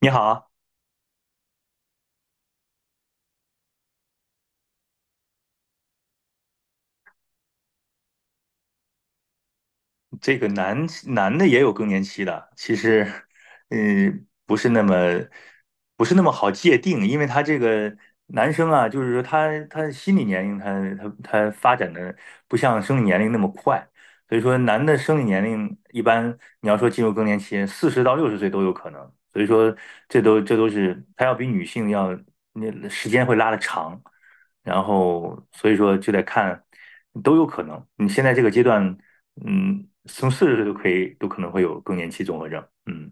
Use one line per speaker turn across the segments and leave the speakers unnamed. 你好，这个男男的也有更年期的，其实，嗯、不是那么不是那么好界定，因为他这个男生啊，就是说他心理年龄他发展的不像生理年龄那么快，所以说男的生理年龄一般你要说进入更年期，四十到六十岁都有可能，所以说这都是他要比女性要那时间会拉的长。然后所以说就得看，都有可能。你现在这个阶段，从四十岁都可以，都可能会有更年期综合症。嗯，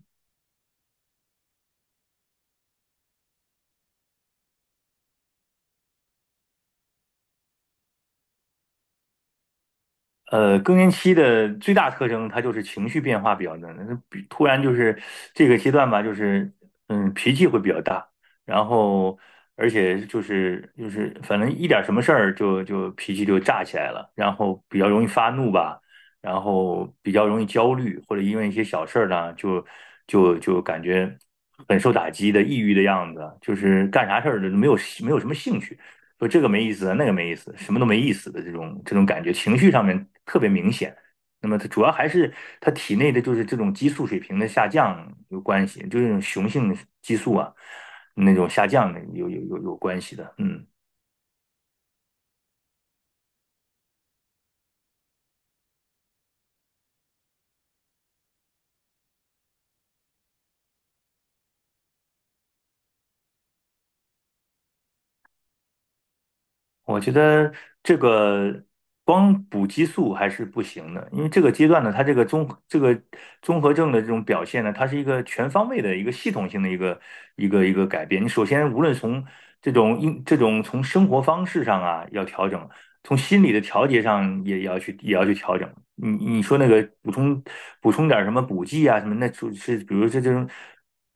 更年期的最大特征，它就是情绪变化比较大，那比突然就是这个阶段吧，就是脾气会比较大，然后而且就是反正一点什么事儿就脾气就炸起来了，然后比较容易发怒吧，然后比较容易焦虑，或者因为一些小事儿呢，就感觉很受打击的抑郁的样子，就是干啥事儿都没有什么兴趣。说这个没意思，那个没意思，什么都没意思的这种感觉，情绪上面特别明显。那么它主要还是它体内的就是这种激素水平的下降有关系，就是那种雄性激素啊那种下降的有关系的。嗯。我觉得这个光补激素还是不行的，因为这个阶段呢，它这个综合症的这种表现呢，它是一个全方位的一个系统性的一个改变。你首先无论从这种从生活方式上啊要调整，从心理的调节上也要去调整。你说那个补充点儿什么补剂啊什么，那就是比如这种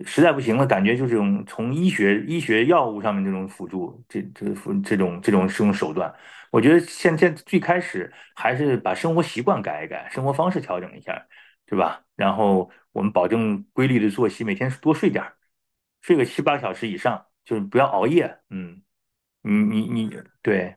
实在不行了，感觉就这种从医学药物上面这种辅助，这这辅这种这种这种手段，我觉得现在最开始还是把生活习惯改一改，生活方式调整一下，对吧？然后我们保证规律的作息，每天多睡点儿，睡个七八个小时以上，就是不要熬夜。嗯，你你你对。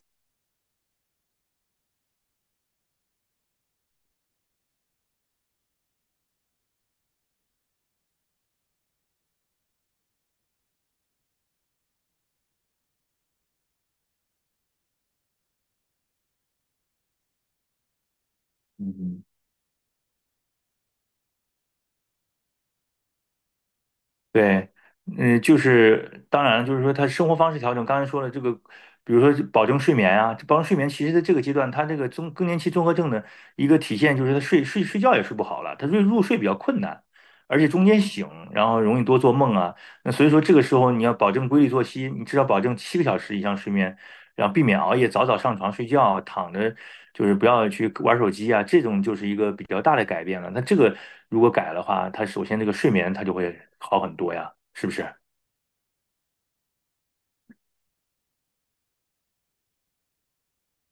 嗯。对。嗯，就是当然了，就是说他生活方式调整，刚才说了这个，比如说保证睡眠啊，这保证睡眠，其实在这个阶段，他这个更年期综合症的一个体现就是他睡觉也睡不好了，他入睡比较困难，而且中间醒，然后容易多做梦啊。那所以说这个时候你要保证规律作息，你至少保证七个小时以上睡眠，然后避免熬夜，早早上床睡觉，躺着就是不要去玩手机啊，这种就是一个比较大的改变了。那这个如果改的话，它首先这个睡眠它就会好很多呀，是不是？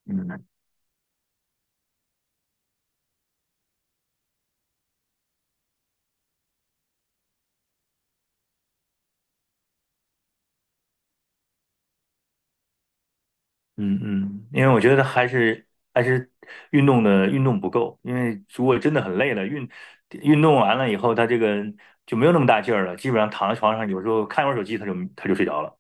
嗯嗯嗯。因为我觉得还是运动不够，因为如果真的很累了，运动完了以后，他这个就没有那么大劲儿了，基本上躺在床上，有时候看会儿手机，他就睡着了。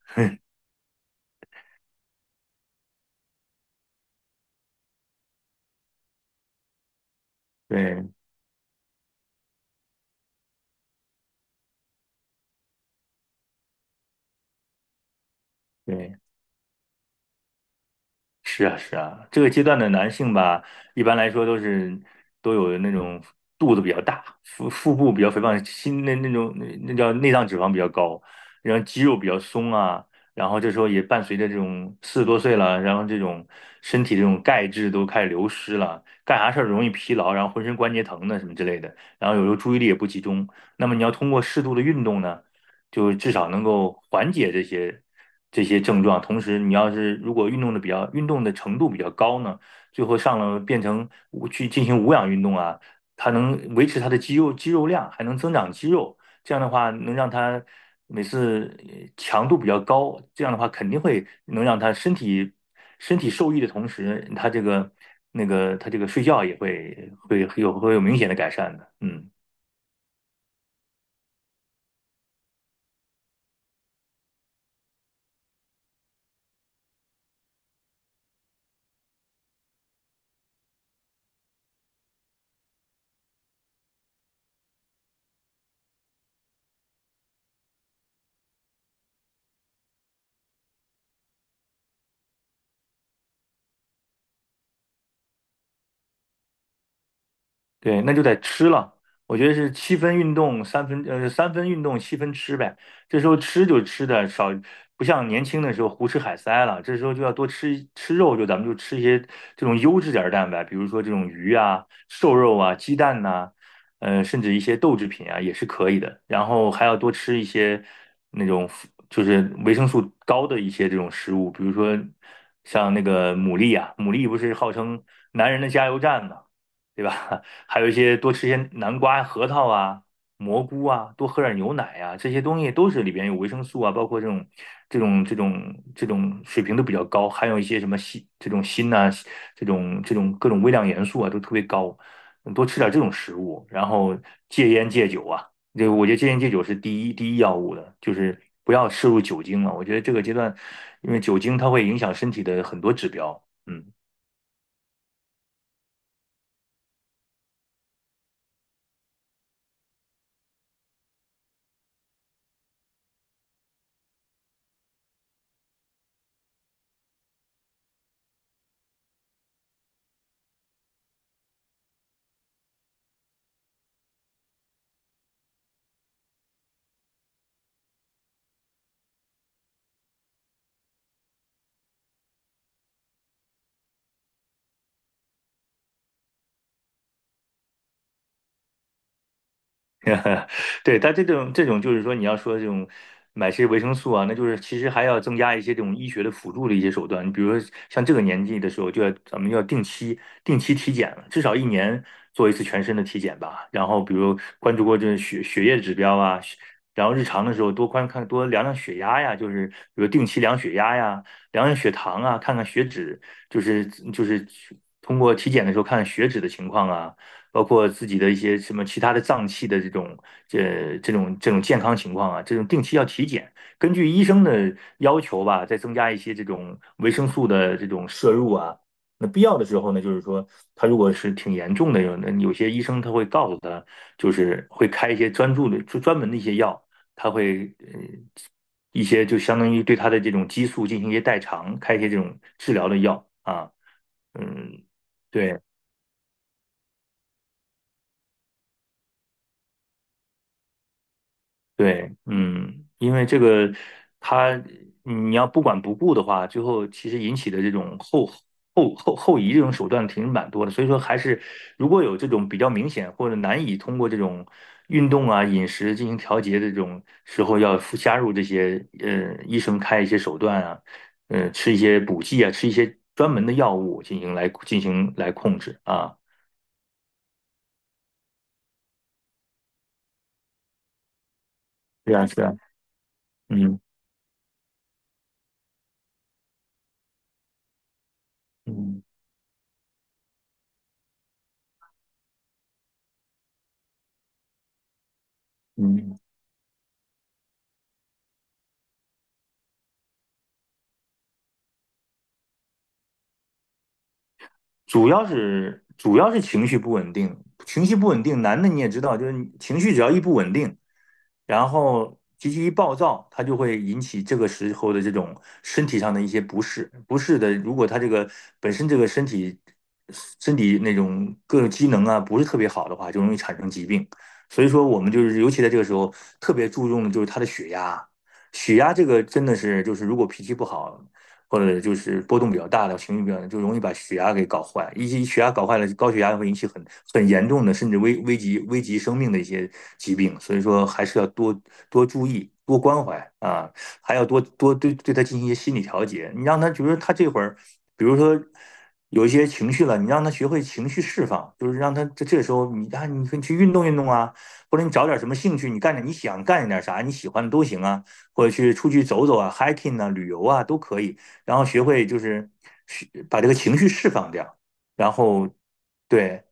对，对。是啊，是啊，这个阶段的男性吧，一般来说都有那种肚子比较大，腹部比较肥胖，心那那种那那叫内脏脂肪比较高，然后肌肉比较松啊，然后这时候也伴随着这种四十多岁了，然后这种身体这种钙质都开始流失了，干啥事儿容易疲劳，然后浑身关节疼的什么之类的，然后有时候注意力也不集中。那么你要通过适度的运动呢？就至少能够缓解这些症状。同时，你要是如果运动的程度比较高呢，最后上了变成去进行无氧运动啊，它能维持它的肌肉量，还能增长肌肉。这样的话，能让它每次强度比较高，这样的话肯定会能让他身体受益的同时，他这个睡觉也会有明显的改善的。嗯。对，那就得吃了。我觉得是七分运动，三分运动，七分吃呗。这时候吃就吃的少，不像年轻的时候胡吃海塞了。这时候就要多吃吃肉，就咱们就吃一些这种优质点儿的蛋白，比如说这种鱼啊、瘦肉啊、鸡蛋呐、甚至一些豆制品啊也是可以的。然后还要多吃一些那种就是维生素高的一些这种食物，比如说像那个牡蛎啊，牡蛎不是号称男人的加油站嘛？对吧？还有一些多吃些南瓜、核桃啊、蘑菇啊，多喝点牛奶啊，这些东西都是里边有维生素啊，包括这种水平都比较高，含有一些什么这种锌呐、这种这种各种微量元素啊都特别高，多吃点这种食物，然后戒烟戒酒啊，这个我觉得戒烟戒酒是第一要务的，就是不要摄入酒精了。我觉得这个阶段，因为酒精它会影响身体的很多指标。嗯。对，它这种就是说，你要说这种买些维生素啊，那就是其实还要增加一些这种医学的辅助的一些手段。你比如说像这个年纪的时候，就要咱们要定期体检了，至少一年做一次全身的体检吧。然后比如关注过这血液指标啊，然后日常的时候多观看多量量血压呀，就是比如定期量血压呀，量量血糖啊，看看血脂，就是就是通过体检的时候看看血脂的情况啊。包括自己的一些什么其他的脏器的这种健康情况啊，这种定期要体检，根据医生的要求吧，再增加一些这种维生素的这种摄入啊。那必要的时候呢，就是说他如果是挺严重的，有些医生他会告诉他，就是会开一些专门的一些药，他会呃一些就相当于对他的这种激素进行一些代偿，开一些这种治疗的药啊。嗯。对，对。嗯，因为这个，它你要不管不顾的话，最后其实引起的这种后移这种手段其实蛮多的。所以说，还是如果有这种比较明显或者难以通过这种运动啊、饮食进行调节的这种时候，要附加入这些医生开一些手段啊，吃一些补剂啊，吃一些专门的药物进行来控制啊。是啊，是啊。嗯嗯嗯。主要是情绪不稳定，情绪不稳定，男的你也知道，就是你情绪只要一不稳定，然后脾气一暴躁，他就会引起这个时候的这种身体上的一些不适的，如果他这个本身这个身体那种各种机能啊不是特别好的话，就容易产生疾病。所以说，我们就是尤其在这个时候特别注重的就是他的血压，血压这个真的是就是如果脾气不好，或者就是波动比较大的情绪比较大，就容易把血压给搞坏。一些血压搞坏了，高血压会引起很严重的，甚至危及生命的一些疾病。所以说，还是要多多注意，多关怀啊，还要多多对他进行一些心理调节。你让他觉得他这会儿，比如说，有一些情绪了，你让他学会情绪释放，就是让他这时候你啊，你可以去运动运动啊，或者你找点什么兴趣，你想干点啥，你喜欢的都行啊，或者去出去走走啊，hiking 啊，旅游啊都可以。然后学会就是把这个情绪释放掉。然后对。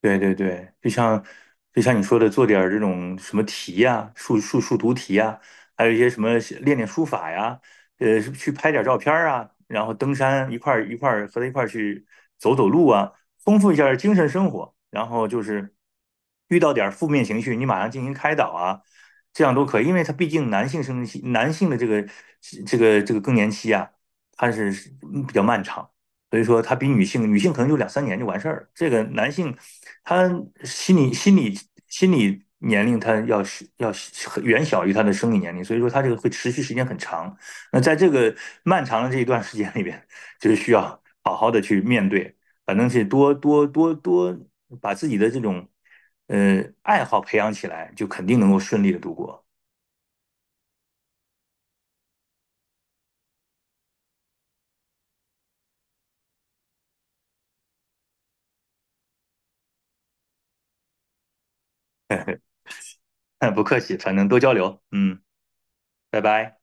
对，对，对，就像你说的，做点儿这种什么题呀、数独题呀、还有一些什么练练书法呀，去拍点儿照片儿啊，然后登山一块儿一块儿和他一块儿去走走路啊，丰富一下儿精神生活。然后就是遇到点儿负面情绪，你马上进行开导啊，这样都可以，因为他毕竟男性生理期，男性的这个更年期啊，它是比较漫长。所以说他比女性，女性可能就两三年就完事儿了。这个男性，他心理心理心理年龄，他要远小于他的生理年龄，所以说他这个会持续时间很长。那在这个漫长的这一段时间里边，就是需要好好的去面对，反正是多多把自己的这种爱好培养起来，就肯定能够顺利的度过。不客气，反正多交流。嗯。拜拜。